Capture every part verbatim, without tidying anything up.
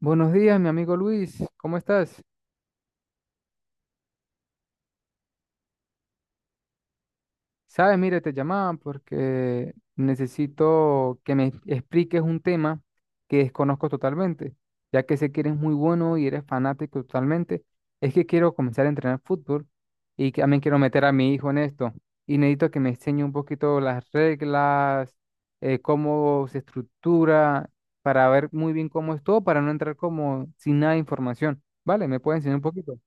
Buenos días, mi amigo Luis, ¿cómo estás? Sabes, mire, te llamaba porque necesito que me expliques un tema que desconozco totalmente, ya que sé que eres muy bueno y eres fanático totalmente. Es que quiero comenzar a entrenar fútbol y que también quiero meter a mi hijo en esto. Y necesito que me enseñe un poquito las reglas, eh, cómo se estructura, para ver muy bien cómo es todo, para no entrar como sin nada de información. ¿Vale? ¿Me puedes enseñar un poquito?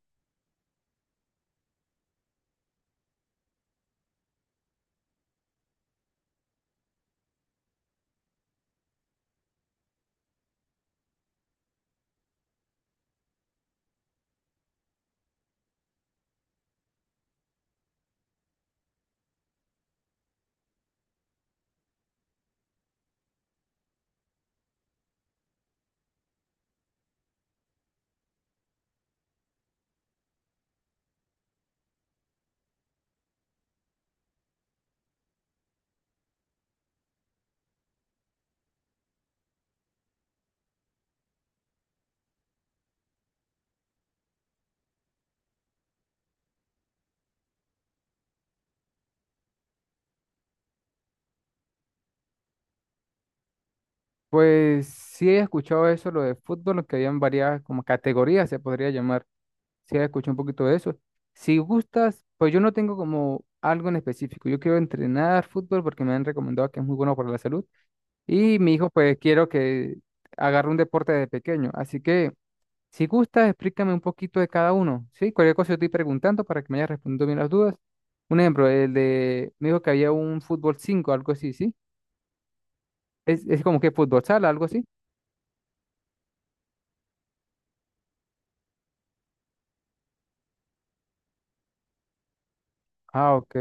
Pues sí he escuchado eso, lo de fútbol, que habían varias como categorías, se podría llamar. Sí he escuchado un poquito de eso. Si gustas, pues yo no tengo como algo en específico. Yo quiero entrenar fútbol porque me han recomendado que es muy bueno para la salud. Y mi hijo, pues quiero que agarre un deporte desde pequeño. Así que, si gustas, explícame un poquito de cada uno, ¿sí? Cualquier cosa yo estoy preguntando para que me hayas respondido bien las dudas. Un ejemplo, el de, me dijo que había un fútbol cinco, algo así, ¿sí? Es, es como que fútbol sala, algo así. Ah, ok.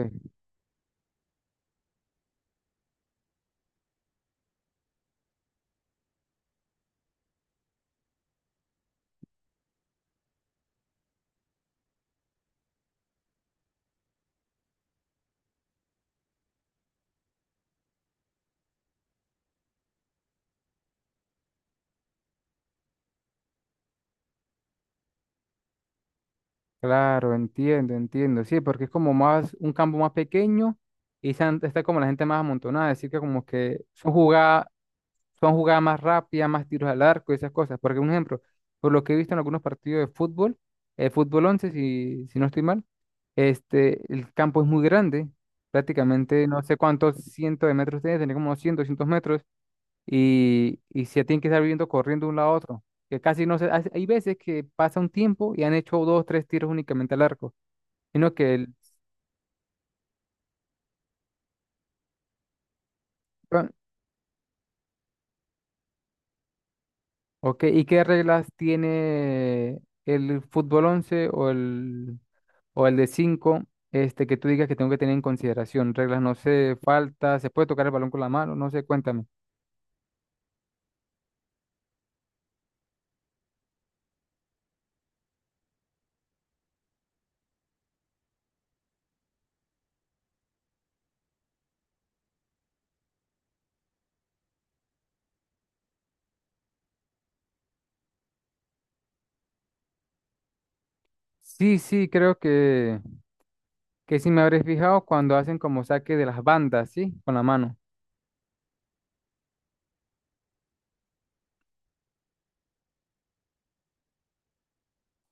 Claro, entiendo, entiendo. Sí, porque es como más un campo más pequeño y se han- está como la gente más amontonada. Así que como que son jugadas, son jugadas más rápidas, más tiros al arco y esas cosas. Porque un ejemplo, por lo que he visto en algunos partidos de fútbol, el fútbol once si, si no estoy mal, este, el campo es muy grande. Prácticamente no sé cuántos cientos de metros tiene, tiene como doscientos, doscientos metros y, y se tienen que estar viviendo corriendo de un lado a otro. Que casi no se. Hay hay veces que pasa un tiempo y han hecho dos, tres tiros únicamente al arco. Sino que el. Ah, ok, ¿y qué reglas tiene el fútbol once o el, o el de cinco, este, que tú digas que tengo que tener en consideración? Reglas, no sé, falta, se puede tocar el balón con la mano, no sé, cuéntame. Sí, sí, creo que, que sí me habré fijado cuando hacen como saque de las bandas, ¿sí? Con la mano.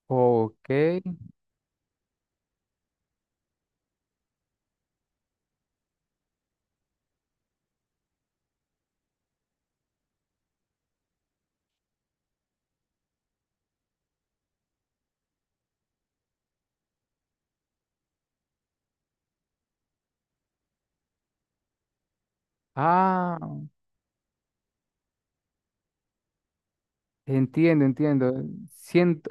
Ok. Ah, entiendo, entiendo. Siento,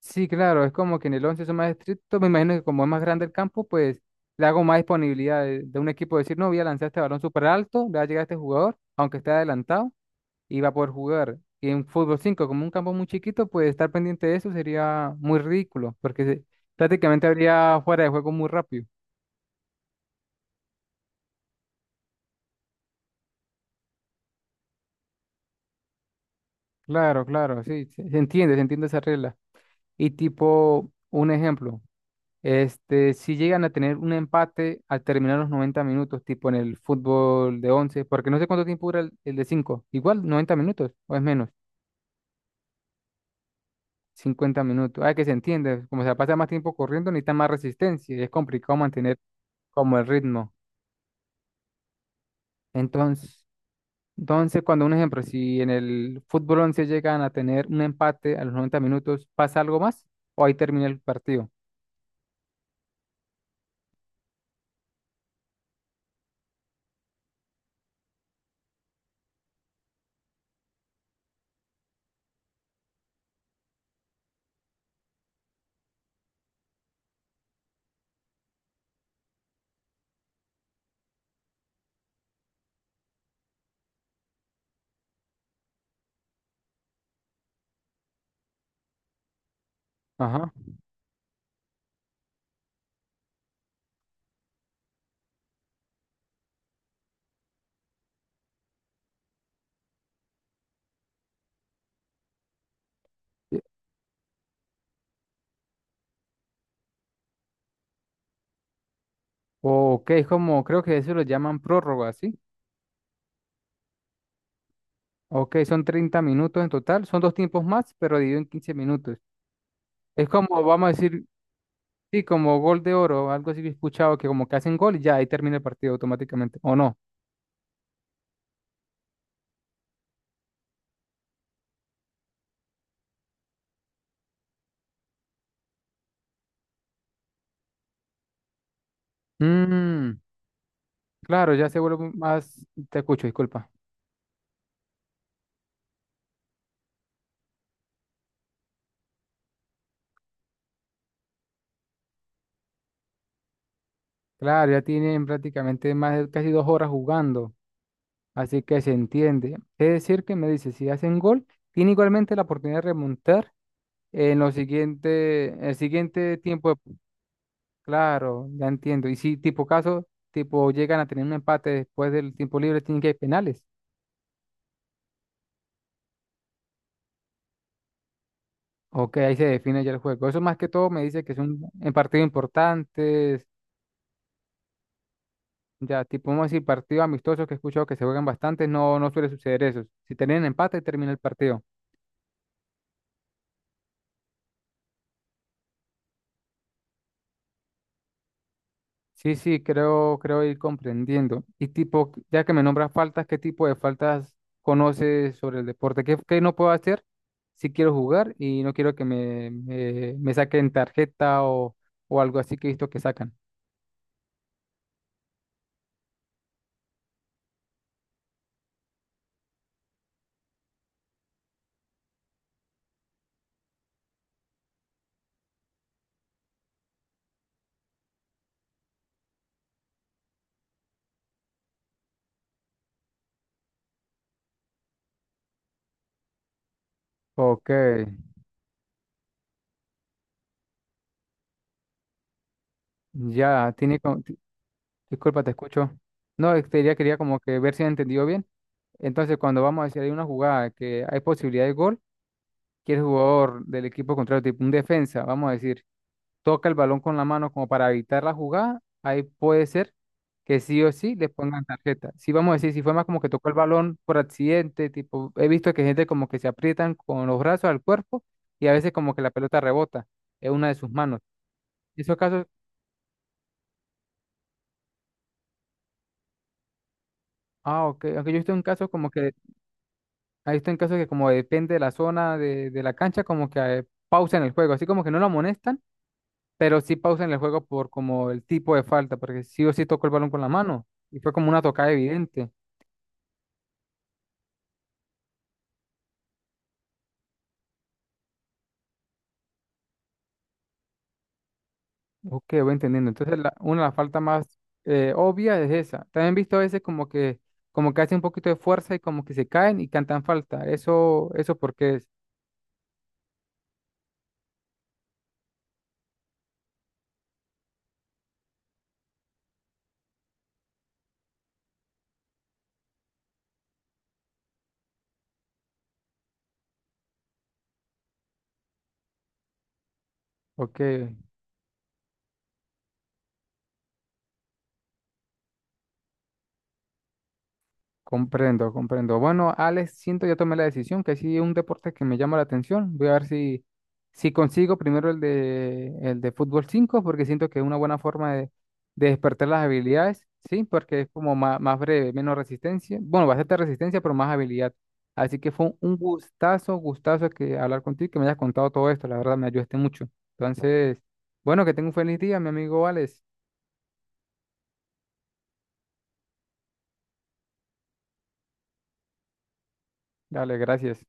sí, claro, es como que en el once son más estrictos. Me imagino que como es más grande el campo, pues le hago más disponibilidad de, de un equipo decir, no, voy a lanzar este balón súper alto, le va a llegar a este jugador, aunque esté adelantado, y va a poder jugar. Y en fútbol cinco como un campo muy chiquito, pues estar pendiente de eso sería muy ridículo, porque se- prácticamente habría fuera de juego muy rápido. Claro, claro, sí, se se entiende, se entiende esa regla. Y tipo, un ejemplo. Este, si llegan a tener un empate al terminar los noventa minutos, tipo en el fútbol de once, porque no sé cuánto tiempo dura el, el de cinco, igual noventa minutos o es menos, cincuenta minutos. Ah, que se entiende, como se la pasa más tiempo corriendo, necesita más resistencia y es complicado mantener como el ritmo. Entonces, entonces cuando un ejemplo, si en el fútbol once llegan a tener un empate a los noventa minutos, ¿pasa algo más o ahí termina el partido? Ajá. Ok, es como, creo que eso lo llaman prórroga, ¿sí? Ok, son treinta minutos en total, son dos tiempos más, pero dividido en quince minutos. Es como, vamos a decir, sí, como gol de oro, algo así que he escuchado, que como que hacen gol y ya ahí termina el partido automáticamente, ¿o no? Mm, claro, ya se vuelve más, te escucho, disculpa. Claro, ya tienen prácticamente más de casi dos horas jugando, así que se entiende. Es decir, que me dice, si hacen gol, tiene igualmente la oportunidad de remontar en los siguiente, el siguiente tiempo de. Claro, ya entiendo. Y si tipo caso, tipo llegan a tener un empate después del tiempo libre, tienen que ir penales. Ok, ahí se define ya el juego. Eso más que todo me dice que son en partidos importantes, ya tipo, vamos a decir, partidos amistosos que he escuchado que se juegan bastante, no, no suele suceder eso. Si tienen empate, termina el partido. Sí, sí, creo, creo ir comprendiendo. Y tipo, ya que me nombras faltas, ¿qué tipo de faltas conoces sobre el deporte? ¿Qué, qué no puedo hacer si quiero jugar y no quiero que me, me, me saquen tarjeta, o, o algo así que he visto que sacan? Ok, ya, tiene... co- ti- Disculpa, te escucho. No, es que ya quería como que ver si he entendido bien. Entonces, cuando vamos a decir hay una jugada que hay posibilidad de gol, que el jugador del equipo contrario, tipo un defensa, vamos a decir toca el balón con la mano como para evitar la jugada, ahí puede ser que sí o sí le pongan tarjeta. Si vamos a decir, si fue más como que tocó el balón por accidente, tipo, he visto que gente como que se aprietan con los brazos al cuerpo y a veces como que la pelota rebota en una de sus manos. Esos casos, ah, ok, aunque yo he visto en casos como que, he visto en casos que como depende de la zona de, de la cancha, como que eh, pausan el juego, así como que no lo amonestan, pero sí pausan el juego por como el tipo de falta, porque sí o sí tocó el balón con la mano y fue como una tocada evidente. Ok, voy entendiendo. Entonces, la, una de las faltas más eh, obvias es esa. También he visto a veces como que, como que hacen un poquito de fuerza y como que se caen y cantan falta. Eso, eso porque es. Ok. Comprendo, comprendo. Bueno, Alex, siento ya tomé la decisión, que sí es un deporte que me llama la atención. Voy a ver si, si consigo primero el de, el de fútbol cinco porque siento que es una buena forma de, de despertar las habilidades, ¿sí? Porque es como ma- más, breve, menos resistencia. Bueno, bastante resistencia, pero más habilidad. Así que fue un un gustazo, gustazo que hablar contigo, que me hayas contado todo esto. La verdad, me ayudaste mucho. Entonces, bueno, que tenga un feliz día, mi amigo Alex. Dale, gracias.